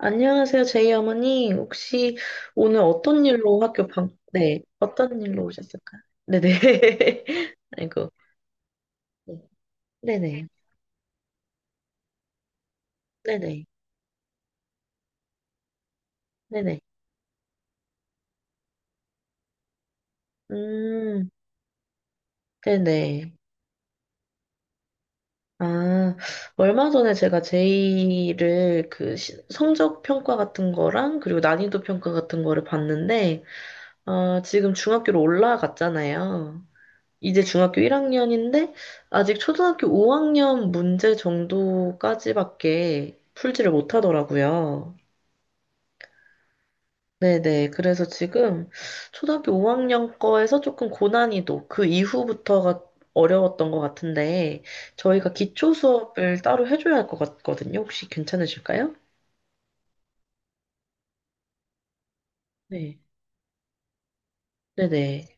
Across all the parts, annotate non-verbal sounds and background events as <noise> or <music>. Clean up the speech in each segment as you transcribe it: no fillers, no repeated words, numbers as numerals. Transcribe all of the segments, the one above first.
안녕하세요, 제이 어머니. 혹시 오늘 어떤 일로 학교 방, 네, 어떤 일로 오셨을까요? 네네. <laughs> 아이고. 네. 네네. 네네. 네네. 음, 네네. 아, 얼마 전에 제가 제이를 성적 평가 같은 거랑 그리고 난이도 평가 같은 거를 봤는데, 아, 지금 중학교로 올라갔잖아요. 이제 중학교 1학년인데 아직 초등학교 5학년 문제 정도까지밖에 풀지를 못하더라고요. 네네. 그래서 지금 초등학교 5학년 거에서 조금 고난이도, 그 이후부터가 어려웠던 것 같은데 저희가 기초 수업을 따로 해줘야 할 것 같거든요. 혹시 괜찮으실까요? 네. 네네.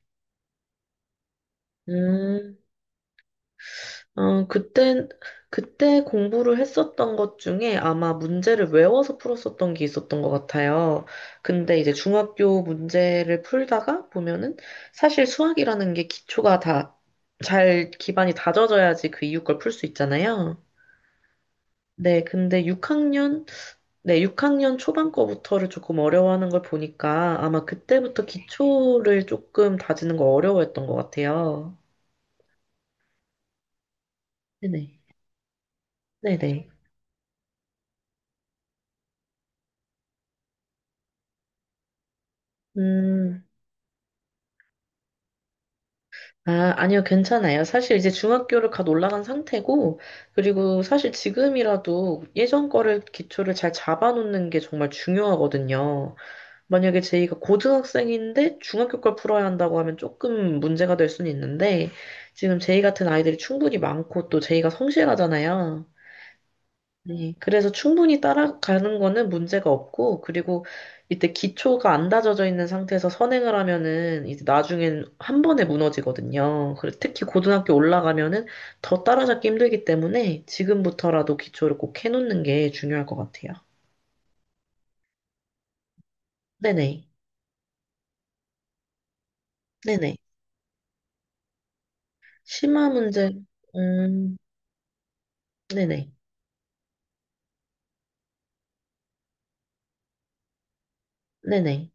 음, 어, 그때, 그때 공부를 했었던 것 중에 아마 문제를 외워서 풀었었던 게 있었던 것 같아요. 근데 이제 중학교 문제를 풀다가 보면은 사실 수학이라는 게 기초가 다 잘 기반이 다져져야지 그 이후 걸 풀 수 있잖아요. 네, 근데 6학년, 네, 6학년 초반 거부터를 조금 어려워하는 걸 보니까 아마 그때부터 기초를 조금 다지는 거 어려워했던 것 같아요. 네네. 네네. 음, 아, 아니요, 괜찮아요. 사실 이제 중학교를 갓 올라간 상태고, 그리고 사실 지금이라도 예전 거를 기초를 잘 잡아놓는 게 정말 중요하거든요. 만약에 제이가 고등학생인데 중학교 걸 풀어야 한다고 하면 조금 문제가 될 수는 있는데, 지금 제이 같은 아이들이 충분히 많고 또 제이가 성실하잖아요. 네, 그래서 충분히 따라가는 거는 문제가 없고, 그리고 이때 기초가 안 다져져 있는 상태에서 선행을 하면은 이제 나중엔 한 번에 무너지거든요. 그리고 특히 고등학교 올라가면은 더 따라잡기 힘들기 때문에 지금부터라도 기초를 꼭 해놓는 게 중요할 것 같아요. 네네, 네네. 심화 문제, 음, 네네, 네네.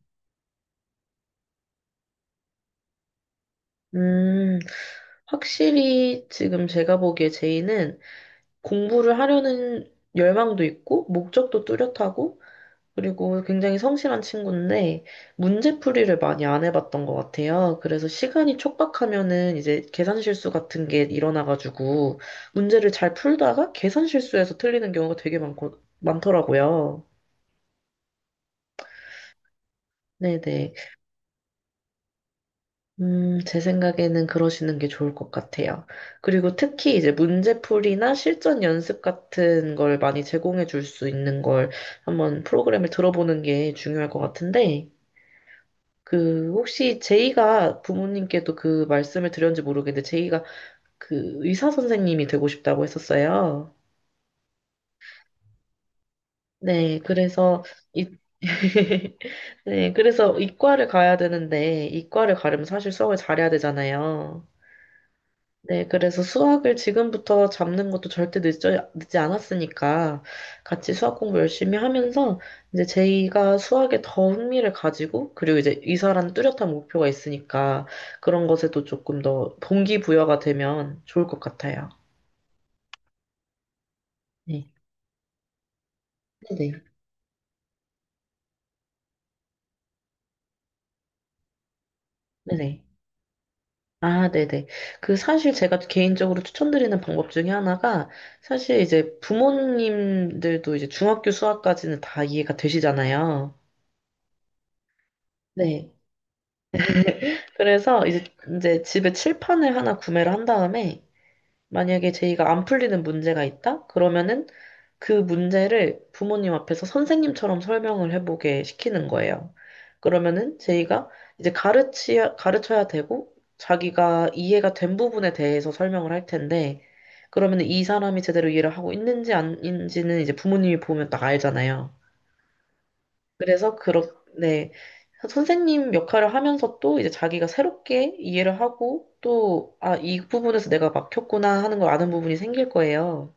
음, 확실히 지금 제가 보기에 제이는 공부를 하려는 열망도 있고, 목적도 뚜렷하고, 그리고 굉장히 성실한 친구인데 문제풀이를 많이 안 해봤던 것 같아요. 그래서 시간이 촉박하면은 이제 계산 실수 같은 게 일어나가지고 문제를 잘 풀다가 계산 실수해서 틀리는 경우가 되게 많고, 많더라고요. 네네. 제 생각에는 그러시는 게 좋을 것 같아요. 그리고 특히 이제 문제풀이나 실전 연습 같은 걸 많이 제공해 줄 수 있는 걸 한번 프로그램을 들어보는 게 중요할 것 같은데 그 혹시 제이가 부모님께도 그 말씀을 드렸는지 모르겠는데 제이가 그 의사 선생님이 되고 싶다고 했었어요. 네, 그래서 이 <laughs> 네, 그래서 이과를 가야 되는데 이과를 가려면 사실 수학을 잘해야 되잖아요. 네, 그래서 수학을 지금부터 잡는 것도 절대 늦지, 늦지 않았으니까 같이 수학 공부 열심히 하면서 이제 제이가 수학에 더 흥미를 가지고 그리고 이제 이사라는 뚜렷한 목표가 있으니까 그런 것에도 조금 더 동기부여가 되면 좋을 것 같아요. 네. 네네. 네네. 아, 네네. 그 사실 제가 개인적으로 추천드리는 방법 중에 하나가 사실 이제 부모님들도 이제 중학교 수학까지는 다 이해가 되시잖아요. 네. 그래서 이제, 이제 집에 칠판을 하나 구매를 한 다음에 만약에 제이가 안 풀리는 문제가 있다? 그러면은 그 문제를 부모님 앞에서 선생님처럼 설명을 해보게 시키는 거예요. 그러면은 제이가 이제 가르쳐야 되고 자기가 이해가 된 부분에 대해서 설명을 할 텐데 그러면 이 사람이 제대로 이해를 하고 있는지 아닌지는 이제 부모님이 보면 딱 알잖아요. 그래서 그런 네. 선생님 역할을 하면서 또 이제 자기가 새롭게 이해를 하고 또, 아, 이 부분에서 내가 막혔구나 하는 걸 아는 부분이 생길 거예요.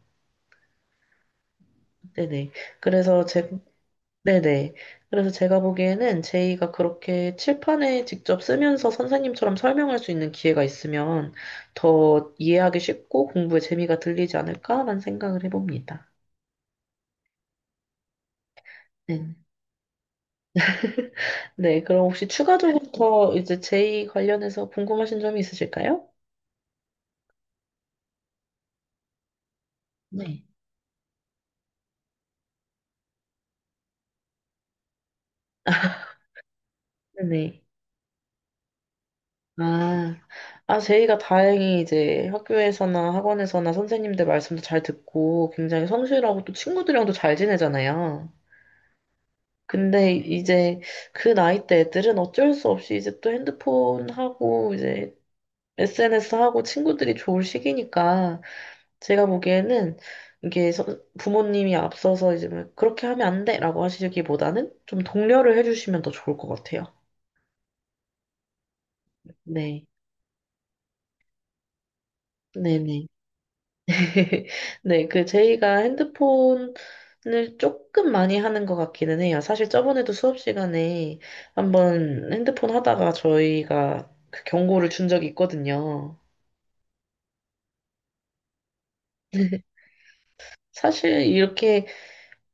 네네. 그래서 제, 네네. 그래서 제가 보기에는 제이가 그렇게 칠판에 직접 쓰면서 선생님처럼 설명할 수 있는 기회가 있으면 더 이해하기 쉽고 공부에 재미가 들리지 않을까라는 생각을 해봅니다. 네. 네. 그럼 혹시 추가적으로 더 이제 제이 관련해서 궁금하신 점이 있으실까요? 네. 네네. 아, 아, 제이가 다행히 이제 학교에서나 학원에서나 선생님들 말씀도 잘 듣고 굉장히 성실하고 또 친구들이랑도 잘 지내잖아요. 근데 이제 그 나이 때 애들은 어쩔 수 없이 이제 또 핸드폰 하고 이제 SNS 하고 친구들이 좋을 시기니까 제가 보기에는 이게 서- 부모님이 앞서서 이제 뭐 그렇게 하면 안 돼라고 하시기보다는 좀 독려를 해주시면 더 좋을 것 같아요. 네. 네네. <laughs> 네, 그 제이가 핸드폰을 조금 많이 하는 것 같기는 해요. 사실 저번에도 수업 시간에 한번 핸드폰 하다가 저희가 그 경고를 준 적이 있거든요. <laughs> 사실 이렇게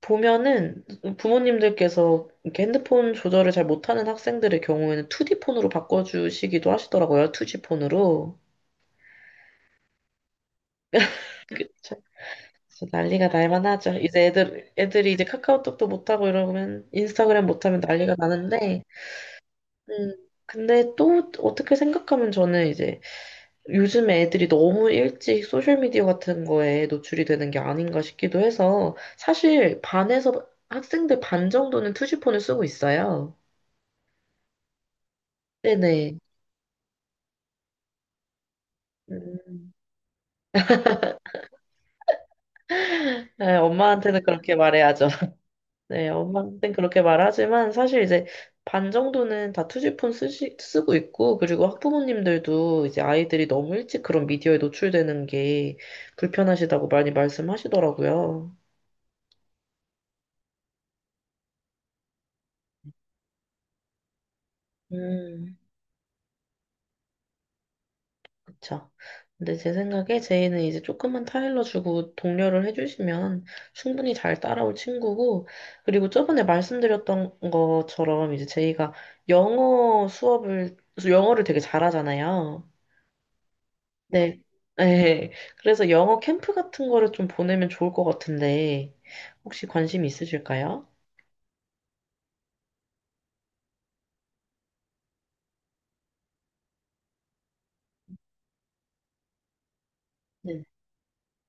보면은 부모님들께서 이렇게 핸드폰 조절을 잘 못하는 학생들의 경우에는 2D폰으로 바꿔주시기도 하시더라고요. 2G폰으로. 난리가 날만 하죠. 이제 애들이 이제 카카오톡도 못하고 이러면 인스타그램 못하면 난리가 나는데 음, 근데 또 어떻게 생각하면 저는 이제 요즘에 애들이 너무 일찍 소셜미디어 같은 거에 노출이 되는 게 아닌가 싶기도 해서 사실 반에서 학생들 반 정도는 투지폰을 쓰고 있어요. 네네. 음, 네, 엄마한테는 그렇게 말해야죠. <laughs> 네, 엄마한테는 그렇게 말하지만 사실 이제 반 정도는 다 투지폰 쓰고 있고 그리고 학부모님들도 이제 아이들이 너무 일찍 그런 미디어에 노출되는 게 불편하시다고 많이 말씀하시더라고요. 음, 그쵸. 근데 제 생각에 제이는 이제 조금만 타일러 주고 독려를 해주시면 충분히 잘 따라올 친구고, 그리고 저번에 말씀드렸던 것처럼 이제 제이가 영어 수업을, 영어를 되게 잘하잖아요. 네. 네. 그래서 영어 캠프 같은 거를 좀 보내면 좋을 것 같은데, 혹시 관심 있으실까요? 네.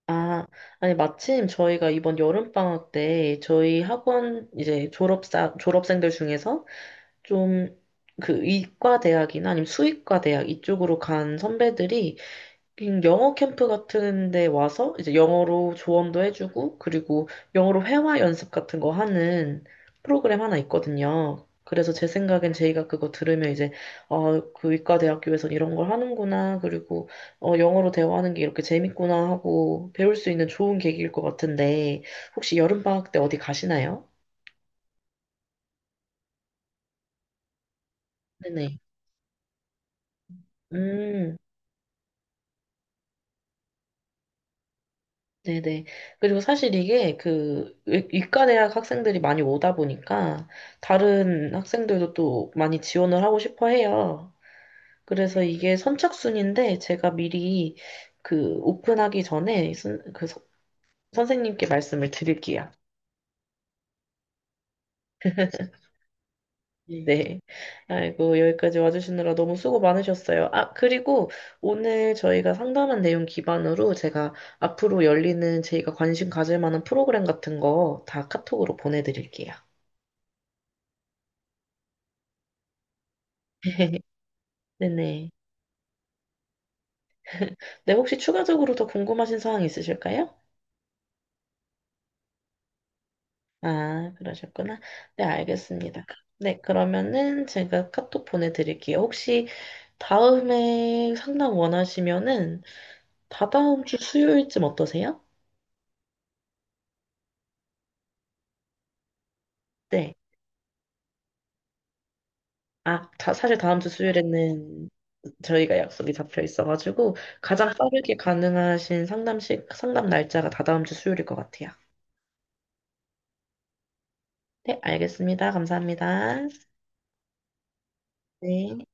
아, 아니, 마침 저희가 이번 여름방학 때 저희 학원 이제 졸업생들 중에서 좀 그 의과 대학이나 아니면 수의과 대학 이쪽으로 간 선배들이 그냥 영어 캠프 같은 데 와서 이제 영어로 조언도 해주고 그리고 영어로 회화 연습 같은 거 하는 프로그램 하나 있거든요. 그래서 제 생각엔 제이가 그거 들으면 이제 아, 그 의과 대학교에선 이런 걸 하는구나. 그리고 영어로 대화하는 게 이렇게 재밌구나 하고 배울 수 있는 좋은 계기일 것 같은데 혹시 여름방학 때 어디 가시나요? 네네. 음. 네네. 그리고 사실 이과 대학 학생들이 많이 오다 보니까 다른 학생들도 또 많이 지원을 하고 싶어 해요. 그래서 이게 선착순인데 제가 미리 그 오픈하기 전에 선생님께 말씀을 드릴게요. 네. 아이고, 여기까지 와주시느라 너무 수고 많으셨어요. 아, 그리고 오늘 저희가 상담한 내용 기반으로 제가 앞으로 열리는 저희가 관심 가질 만한 프로그램 같은 거 다 카톡으로 보내드릴게요. <laughs> 네네. 네, 혹시 추가적으로 더 궁금하신 사항 있으실까요? 아, 그러셨구나. 네, 알겠습니다. 네, 그러면은 제가 카톡 보내드릴게요. 혹시 다음에 상담 원하시면은 다다음 주 수요일쯤 어떠세요? 네. 아, 다, 사실 다음 주 수요일에는 저희가 약속이 잡혀 있어가지고 가장 빠르게 가능하신 상담 날짜가 다다음 주 수요일일 것 같아요. 네, 알겠습니다. 감사합니다. 네.